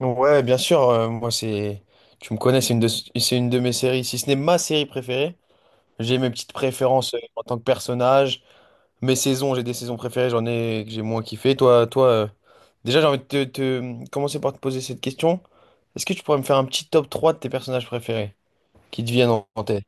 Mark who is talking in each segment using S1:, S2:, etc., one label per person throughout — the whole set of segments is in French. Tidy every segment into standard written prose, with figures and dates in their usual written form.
S1: Ouais, bien sûr, moi c'est... Tu me connais, c'est une de mes séries, si ce n'est ma série préférée. J'ai mes petites préférences en tant que personnage, mes saisons, j'ai des saisons préférées, j'en ai que j'ai moins kiffé. Toi, déjà j'ai envie de commencer par te poser cette question. Est-ce que tu pourrais me faire un petit top 3 de tes personnages préférés qui te viennent en tête?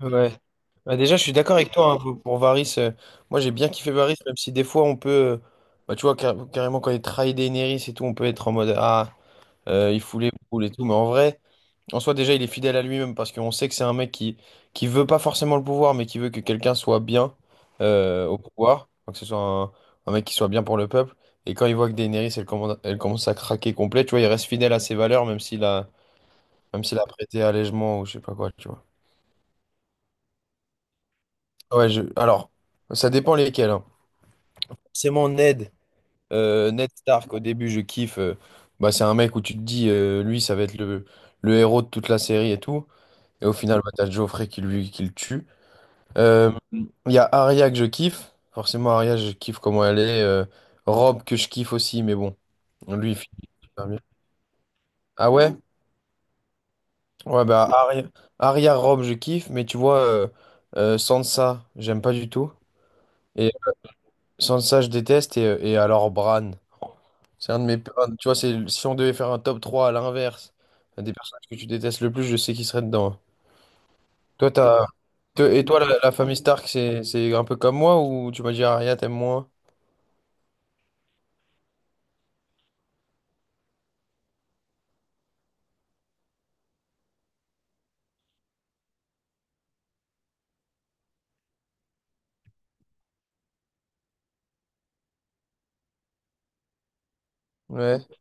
S1: Ouais. Bah déjà, je suis d'accord avec toi hein, pour Varys. Moi, j'ai bien kiffé Varys, même si des fois, on peut. Bah, tu vois, carrément, quand il trahit Daenerys et tout, on peut être en mode. Ah, il fout les boules et tout, mais en vrai, en soi déjà il est fidèle à lui-même parce qu'on sait que c'est un mec qui veut pas forcément le pouvoir, mais qui veut que quelqu'un soit bien au pouvoir. Enfin, que ce soit un mec qui soit bien pour le peuple. Et quand il voit que Daenerys elle commence à craquer complet, tu vois, il reste fidèle à ses valeurs même s'il a prêté allègement ou je sais pas quoi, tu vois. Ouais, alors ça dépend lesquels. Hein. C'est mon Ned, Ned Stark au début je kiffe. Bah c'est un mec où tu te dis lui ça va être le héros de toute la série et tout. Et au final, bah, t'as Geoffrey qui le tue. Euh, Il y a Arya que je kiffe. Forcément, Arya, je kiffe comment elle est. Rob que je kiffe aussi, mais bon, lui, il finit super bien. Ah ouais? Ouais, bah Arya, Rob, je kiffe, mais tu vois, Sansa, j'aime pas du tout. Et Sansa, je déteste. Et alors, Bran, c'est un de mes. Un- tu vois, c'est, si on devait faire un top 3 à l'inverse des personnages que tu détestes le plus, je sais qui serait dedans. Toi, t'as... Et toi, la famille Stark, c'est un peu comme moi ou tu m'as dit Arya, t'aimes moins? Ouais. Ouais.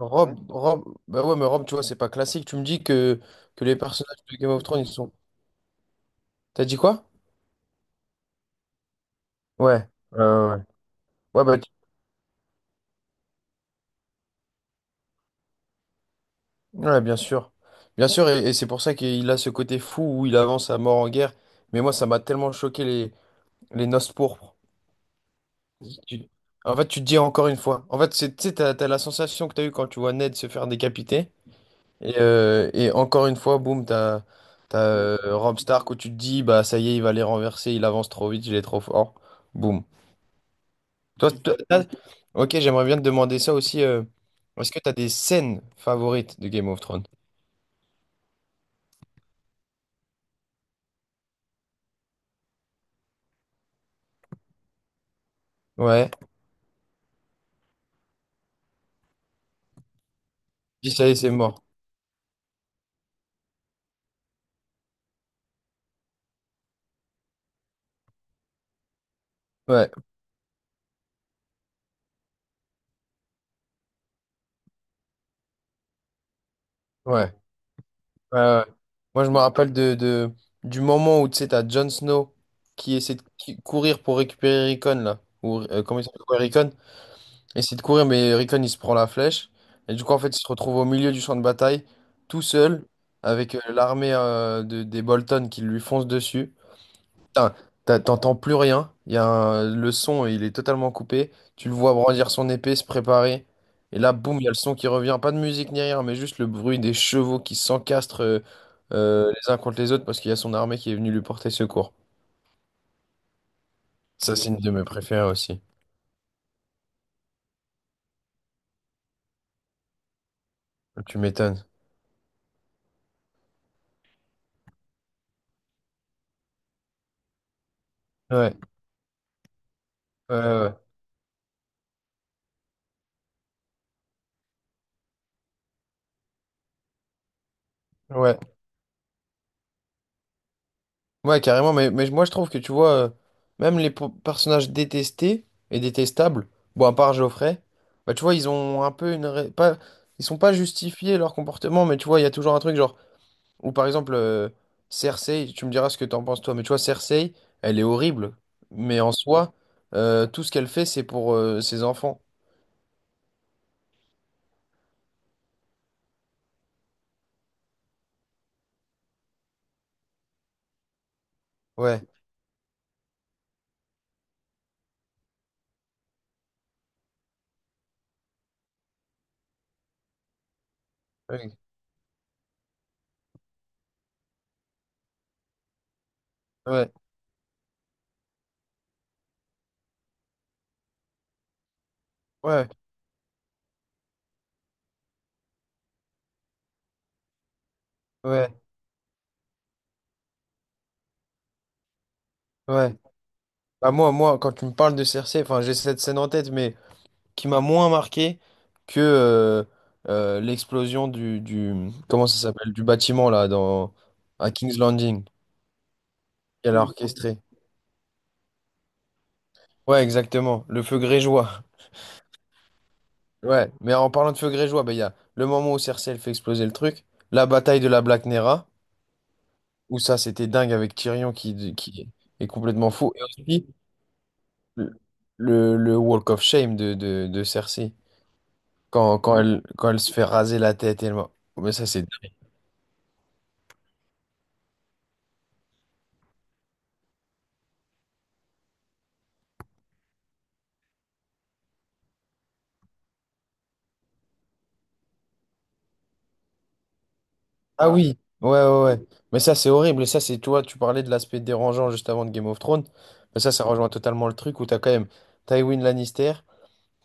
S1: Rob, bah ouais, mais Rob, tu vois, c'est pas classique. Tu me dis que les personnages de Game of Thrones, ils sont. T'as dit quoi? Ouais. Ouais. Ouais, ouais, bien sûr. Bien sûr, et c'est pour ça qu'il a ce côté fou où il avance à mort en guerre. Mais moi, ça m'a tellement choqué les noces pourpres. Tu- En fait, tu te dis encore une fois. En fait, c'est, tu sais, t'as la sensation que t'as eue quand tu vois Ned se faire décapiter. Et encore une fois, boum, t'as Robb Stark où tu te dis, bah ça y est, il va les renverser, il avance trop vite, il est trop fort. Boum. Toi, toi, t'as- ok, j'aimerais bien te demander ça aussi. Est-ce que t'as des scènes favorites de Game of Thrones? Ouais. Dis ça y est, c'est mort. Ouais, ouais, ouais, ouais. Moi, je me rappelle du moment où tu sais, t'as Jon Snow qui essaie de qui- courir pour récupérer Rickon, là. Ou, comment il s'appelle? Ouais, Rickon? Essaie de courir, mais Rickon, il se prend la flèche. Et du coup, en fait, il se retrouve au milieu du champ de bataille, tout seul, avec l'armée des Bolton qui lui fonce dessus. Putain, t'entends plus rien. Il y a un- Le son, il est totalement coupé. Tu le vois brandir son épée, se préparer. Et là, boum, il y a le son qui revient. Pas de musique ni rien, mais juste le bruit des chevaux qui s'encastrent les uns contre les autres parce qu'il y a son armée qui est venue lui porter secours. Ça, c'est une de mes préférées aussi. Tu m'étonnes. Ouais, ouais, ouais. Ouais. Ouais, carrément, mais moi je trouve que tu vois, même les personnages détestés et détestables, bon, à part Geoffrey, bah tu vois, ils ont un peu une. Ré- Pas, ils sont pas justifiés leur comportement, mais tu vois, il y a toujours un truc genre. Ou par exemple, Cersei, tu me diras ce que t'en penses toi, mais tu vois, Cersei, elle est horrible, mais en soi, tout ce qu'elle fait, c'est pour ses enfants. Ouais, ouais, ouais, ouais, ouais. Ouais. Bah moi, moi, quand tu me parles de Cersei, enfin, j'ai cette scène en tête, mais. Qui m'a moins marqué que l'explosion du comment ça s'appelle du bâtiment là dans à King's Landing qu'elle a Oui. orchestré. Ouais, exactement, le feu grégeois. Ouais, mais en parlant de feu grégeois, bah, il y a le moment où Cersei elle fait exploser le truc, la bataille de la Black Nera où ça c'était dingue avec Tyrion qui est complètement fou et aussi le, le Walk of Shame de Cersei quand elle se fait raser la tête elle m'a- mais ça c'est Ah oui, ouais, ouais, ouais. Mais ça, c'est horrible. Et ça, c'est, tu vois, tu parlais de l'aspect dérangeant juste avant de Game of Thrones. Mais ça rejoint totalement le truc où t'as quand même Tywin Lannister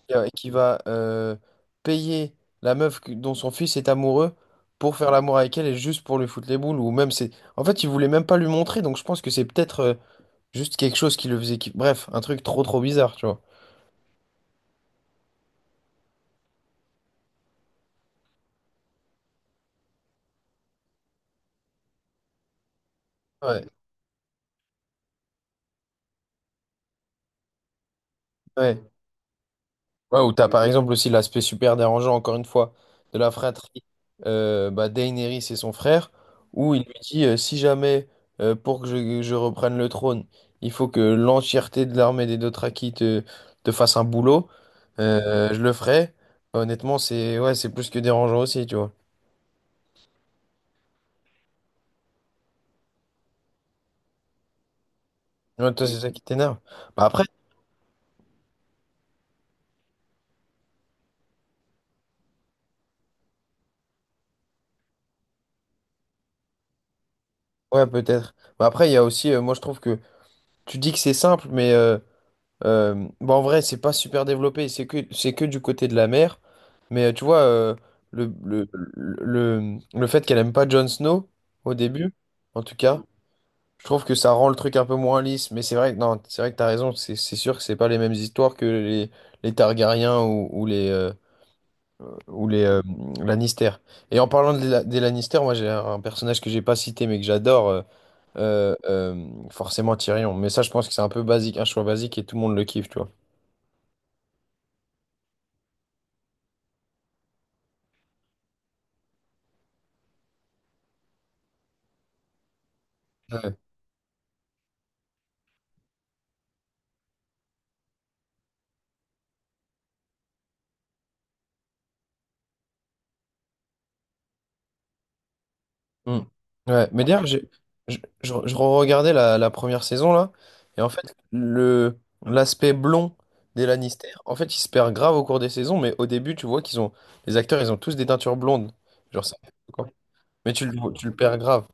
S1: qui va payer la meuf dont son fils est amoureux pour faire l'amour avec elle et juste pour lui foutre les boules. Ou même, c'est. En fait, il voulait même pas lui montrer. Donc, je pense que c'est peut-être juste quelque chose qui le faisait. Bref, un truc trop bizarre, tu vois. Ouais, ouais. Ouais, ou t'as par exemple aussi l'aspect super dérangeant, encore une fois, de la fratrie. Bah, Daenerys et son frère, où il lui dit si jamais, pour que je reprenne le trône, il faut que l'entièreté de l'armée des Dothraki te fasse un boulot, je le ferai. Honnêtement, c'est ouais, c'est plus que dérangeant aussi, tu vois. Ouais, toi, c'est ça qui t'énerve. Bah, après, ouais, peut-être. Bah, après, il y a aussi, moi, je trouve que tu dis que c'est simple, mais. Bah en vrai, c'est pas super développé, c'est que du côté de la mer. Mais tu vois, le, le, le fait qu'elle aime pas Jon Snow au début, en tout cas, je trouve que ça rend le truc un peu moins lisse. Mais c'est vrai que non, c'est vrai que t'as raison, c'est sûr que c'est pas les mêmes histoires que les Targaryens ou les Lannister. Et en parlant de des Lannister, moi j'ai un personnage que j'ai pas cité mais que j'adore, forcément Tyrion. Mais ça, je pense que c'est un peu basique, un choix basique et tout le monde le kiffe, tu vois. Ouais. Mm. Ouais, mais d'ailleurs, je, je regardais la première saison là, et en fait, le l'aspect blond des Lannister, en fait, il se perd grave au cours des saisons, mais au début, tu vois qu'ils ont les acteurs, ils ont tous des teintures blondes. Genre ça. Quoi. Mais tu le perds grave.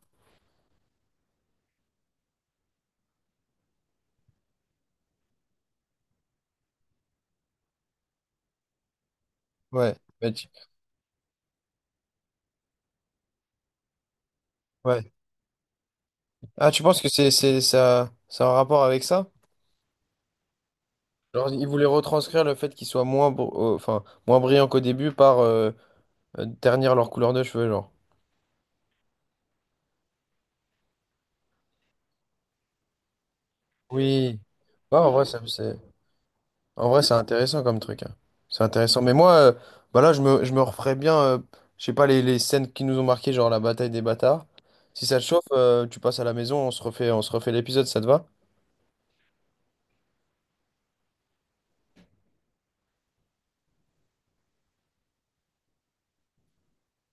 S1: Ouais. Mais tu- ouais. Ah, tu penses que c'est ça a un rapport avec ça? Genre, ils voulaient retranscrire le fait qu'ils soient moins enfin moins brillants qu'au début par ternir leur couleur de cheveux, genre. Oui. Ouais, en vrai, ça, c'est. En vrai, c'est intéressant comme truc. Hein. C'est intéressant. Mais moi, bah là, je me referais bien, je sais pas, les scènes qui nous ont marqué, genre la bataille des bâtards. Si ça te chauffe, tu passes à la maison, on se refait l'épisode, ça te va?